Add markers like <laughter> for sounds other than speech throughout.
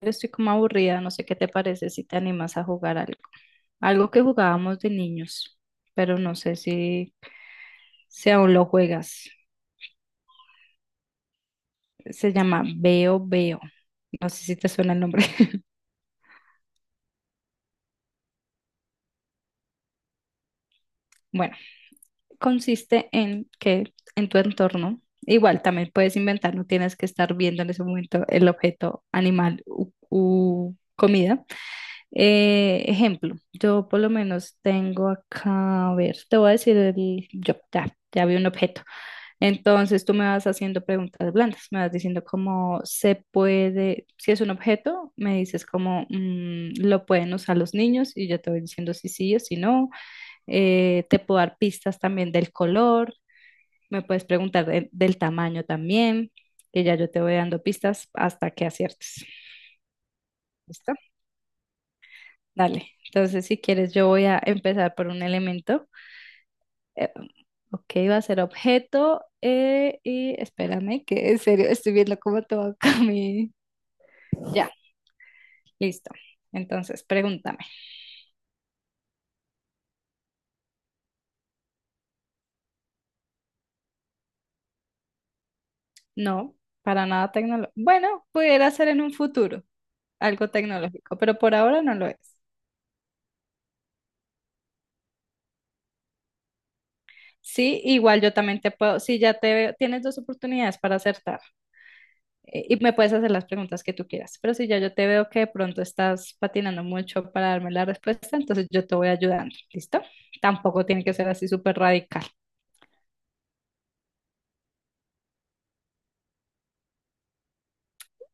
Estoy como aburrida, no sé qué te parece si te animas a jugar algo. Algo que jugábamos de niños, pero no sé si aún lo juegas. Se llama Veo Veo. No sé si te suena el nombre. <laughs> Bueno, consiste en que en tu entorno, igual también puedes inventar, no tienes que estar viendo en ese momento el objeto animal u comida. Ejemplo, yo por lo menos tengo acá, a ver, te voy a decir ya vi un objeto. Entonces tú me vas haciendo preguntas blandas, me vas diciendo cómo se puede, si es un objeto, me dices cómo lo pueden usar los niños y yo te voy diciendo si sí o si no. Te puedo dar pistas también del color, me puedes preguntar del tamaño también, que ya yo te voy dando pistas hasta que aciertes. ¿Listo? Dale. Entonces, si quieres, yo voy a empezar por un elemento. Eh, ok, va a ser objeto y espérame, que en serio estoy viendo cómo te va <laughs> a mi, ya, listo. Entonces, pregúntame. No, para nada tecnológico. Bueno, pudiera ser en un futuro algo tecnológico, pero por ahora no lo es. Sí, igual yo también te puedo, si ya te veo, tienes dos oportunidades para acertar, y me puedes hacer las preguntas que tú quieras, pero si ya yo te veo que de pronto estás patinando mucho para darme la respuesta, entonces yo te voy ayudando, ¿listo? Tampoco tiene que ser así súper radical.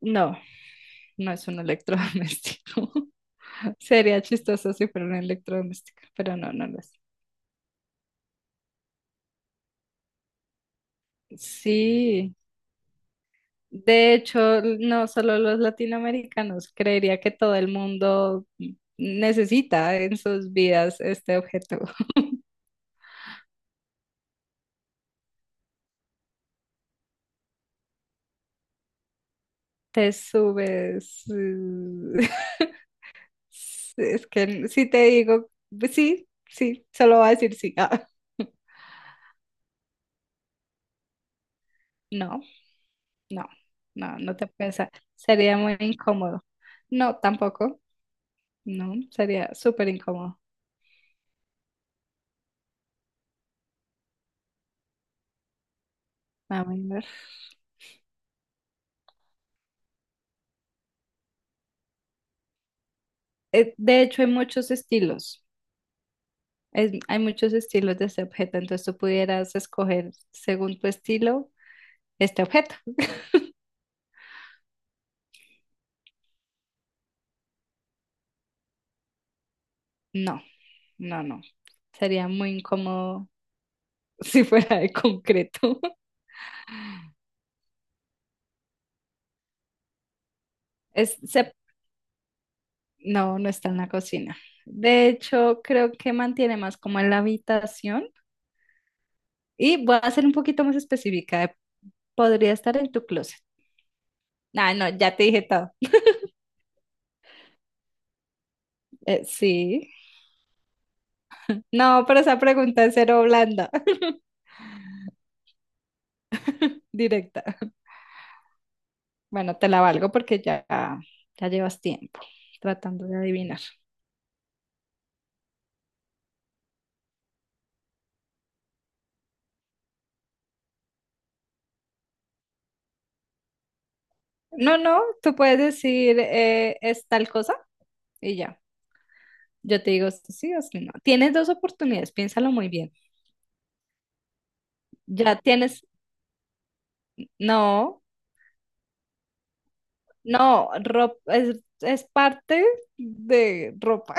No, no es un electrodoméstico. <laughs> Sería chistoso si fuera un electrodoméstico, pero no, no lo es. Sí, de hecho, no solo los latinoamericanos, creería que todo el mundo necesita en sus vidas este objeto. <laughs> Te subes. <laughs> Es que si te digo, pues sí, sí, solo va a decir sí. Ah, <laughs> no, no, no, no te piensa. Sería muy incómodo. No, tampoco. No, sería súper incómodo. A ver. De hecho, hay muchos estilos. Hay muchos estilos de este objeto, entonces tú pudieras escoger según tu estilo este objeto. No, no, no. Sería muy incómodo <laughs> si fuera de concreto. Es, se- no, no está en la cocina. De hecho, creo que mantiene más como en la habitación. Y voy a ser un poquito más específica. Podría estar en tu closet. Ah, no, ya te dije todo. Sí. No, pero esa pregunta es cero blanda, <laughs> directa. Bueno, te la valgo porque ya, ya llevas tiempo tratando de adivinar. No, no, tú puedes decir es tal cosa y ya. Yo te digo si sí o si no. Tienes dos oportunidades, piénsalo muy bien. Ya tienes, no, no, ropa, es parte de ropa,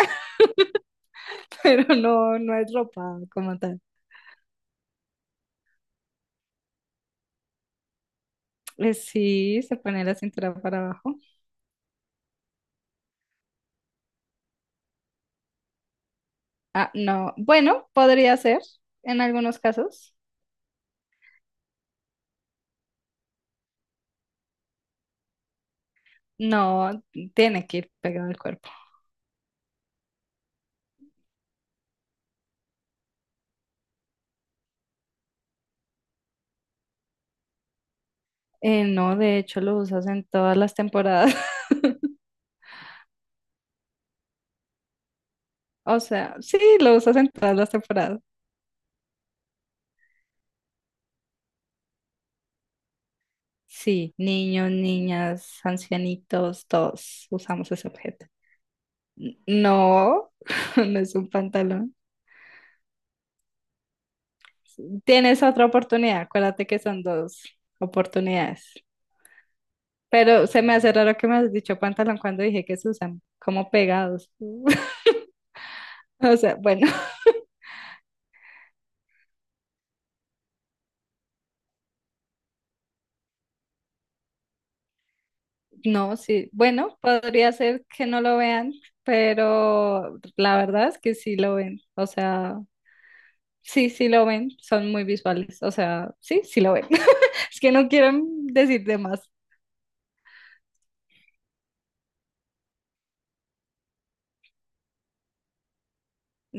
<laughs> pero no, no es ropa como tal. Sí, se pone la cintura para abajo. Ah, no. Bueno, podría ser en algunos casos. No, tiene que ir pegado al cuerpo. No, de hecho lo usas en todas las temporadas. <laughs> O sea, sí, lo usas en todas las temporadas. Sí, niños, niñas, ancianitos, todos usamos ese objeto. No, <laughs> no es un pantalón. Tienes otra oportunidad, acuérdate que son dos oportunidades. Pero se me hace raro que me has dicho pantalón cuando dije que se usan como pegados. <laughs> O sea, bueno. No, sí, bueno, podría ser que no lo vean, pero la verdad es que sí lo ven, o sea, sí, sí lo ven, son muy visuales, o sea, sí, sí lo ven. <laughs> Es que no quieren decir de más.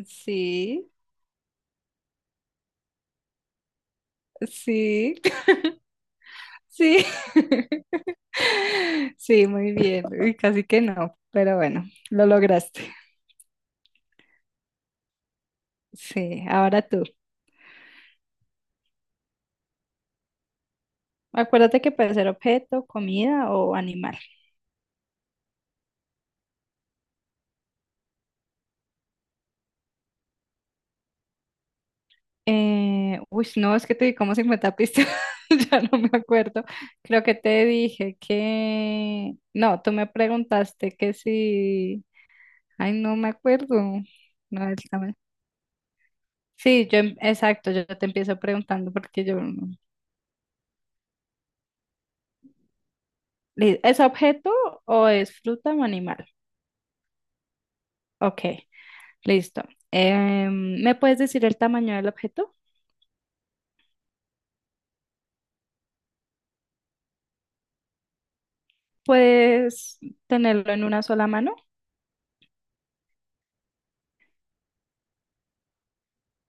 Sí, sí, <laughs> sí. <laughs> Sí, muy bien, uy, casi que no, pero bueno, lo lograste. Sí, ahora tú. Acuérdate que puede ser objeto, comida o animal. Uy, no, es que te di como 50 pistas, <laughs> ya no me acuerdo. Creo que te dije que... No, tú me preguntaste que si... Ay, no me acuerdo. No, es- a ver. Sí, yo, exacto, yo te empiezo preguntando porque yo... no- ¿Es objeto o es fruta o animal? Ok, listo. ¿Me puedes decir el tamaño del objeto? ¿Puedes tenerlo en una sola mano?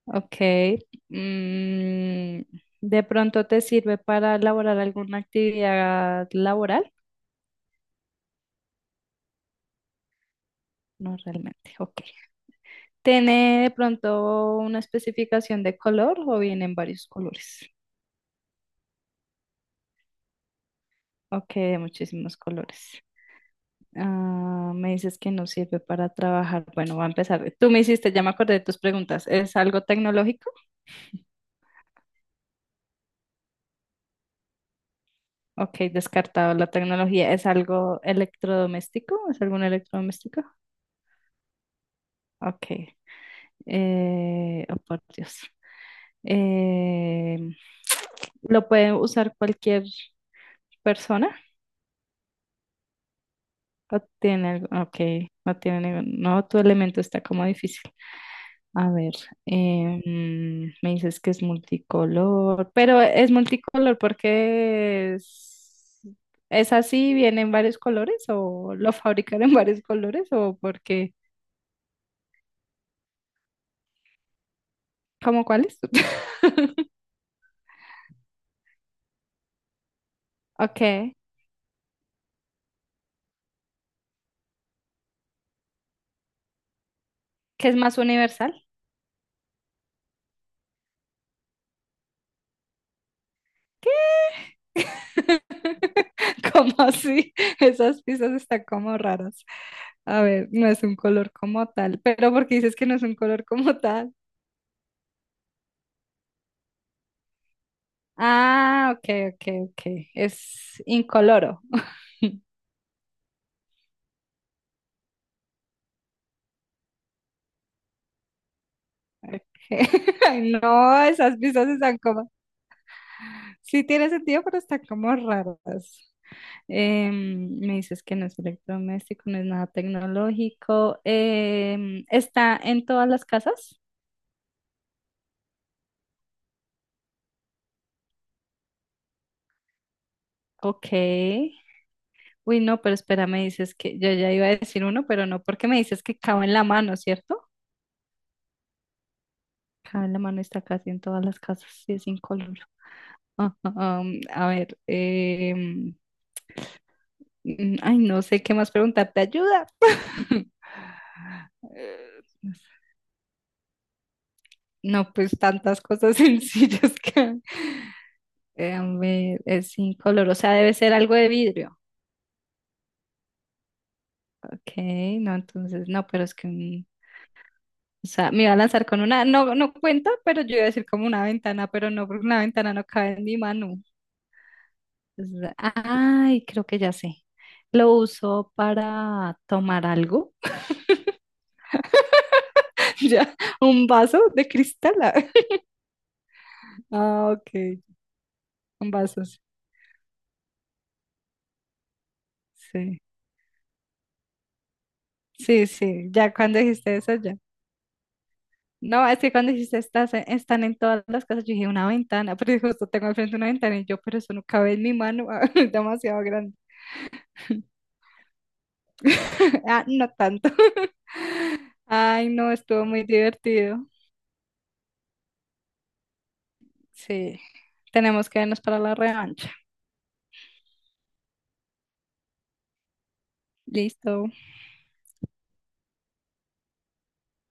Ok. Mm, ¿De pronto te sirve para elaborar alguna actividad laboral? No realmente. Ok. ¿Tiene de pronto una especificación de color o vienen varios colores? Ok, de muchísimos colores. Ah, me dices que no sirve para trabajar. Bueno, va a empezar. Tú me hiciste, ya me acordé de tus preguntas. ¿Es algo tecnológico? Ok, descartado la tecnología. ¿Es algo electrodoméstico? ¿Es algún electrodoméstico? Ok. Oh, por Dios. Eh, ¿Lo puede usar cualquier persona? ¿O tiene algo? Ok, no tiene no, tu elemento está como difícil. A ver, me dices que es multicolor, pero es multicolor porque es así, viene en varios colores o lo <laughs> fabrican en varios colores o porque, ¿cómo cuáles? <laughs> Ok, que es más universal. <laughs> ¿Cómo así? Esas piezas están como raras. A ver, no es un color como tal. Pero porque dices que no es un color como tal. Ah, ok, ok, ok. Es incoloro. <laughs> Ay, no, esas piezas están como. Sí tiene sentido, pero están como raras. Me dices que no es electrodoméstico, no es nada tecnológico. ¿Está en todas las casas? Ok. Uy, no, pero espera, me dices que yo ya iba a decir uno, pero no, porque me dices que cabe en la mano, ¿cierto? Cabe en la mano, está casi en todas las casas y es incoloro. <laughs> A ver, ay, no sé qué más preguntarte, ayuda. <laughs> Eh, no, pues tantas cosas <laughs> sencillas que a ver, es incoloro, o sea, debe ser algo de vidrio. Ok, no, entonces, no, pero es que o sea, me iba a lanzar con una, no, no cuenta, pero yo iba a decir como una ventana, pero no, porque una ventana no cabe en mi mano. Entonces, ay, creo que ya sé. Lo uso para tomar algo, <laughs> ya, un vaso de cristal. <laughs> Ah, ok, un vaso, sí. Sí, sí, sí, ya cuando dijiste eso, ya. No, es que cuando dijiste están en todas las casas, yo dije una ventana, <laughs> pero justo tengo al frente una ventana y yo, pero eso no cabe en mi mano, <laughs> demasiado grande. <laughs> Ah, no tanto. <laughs> Ay, no, estuvo muy divertido. Sí, tenemos que vernos para la revancha. Listo.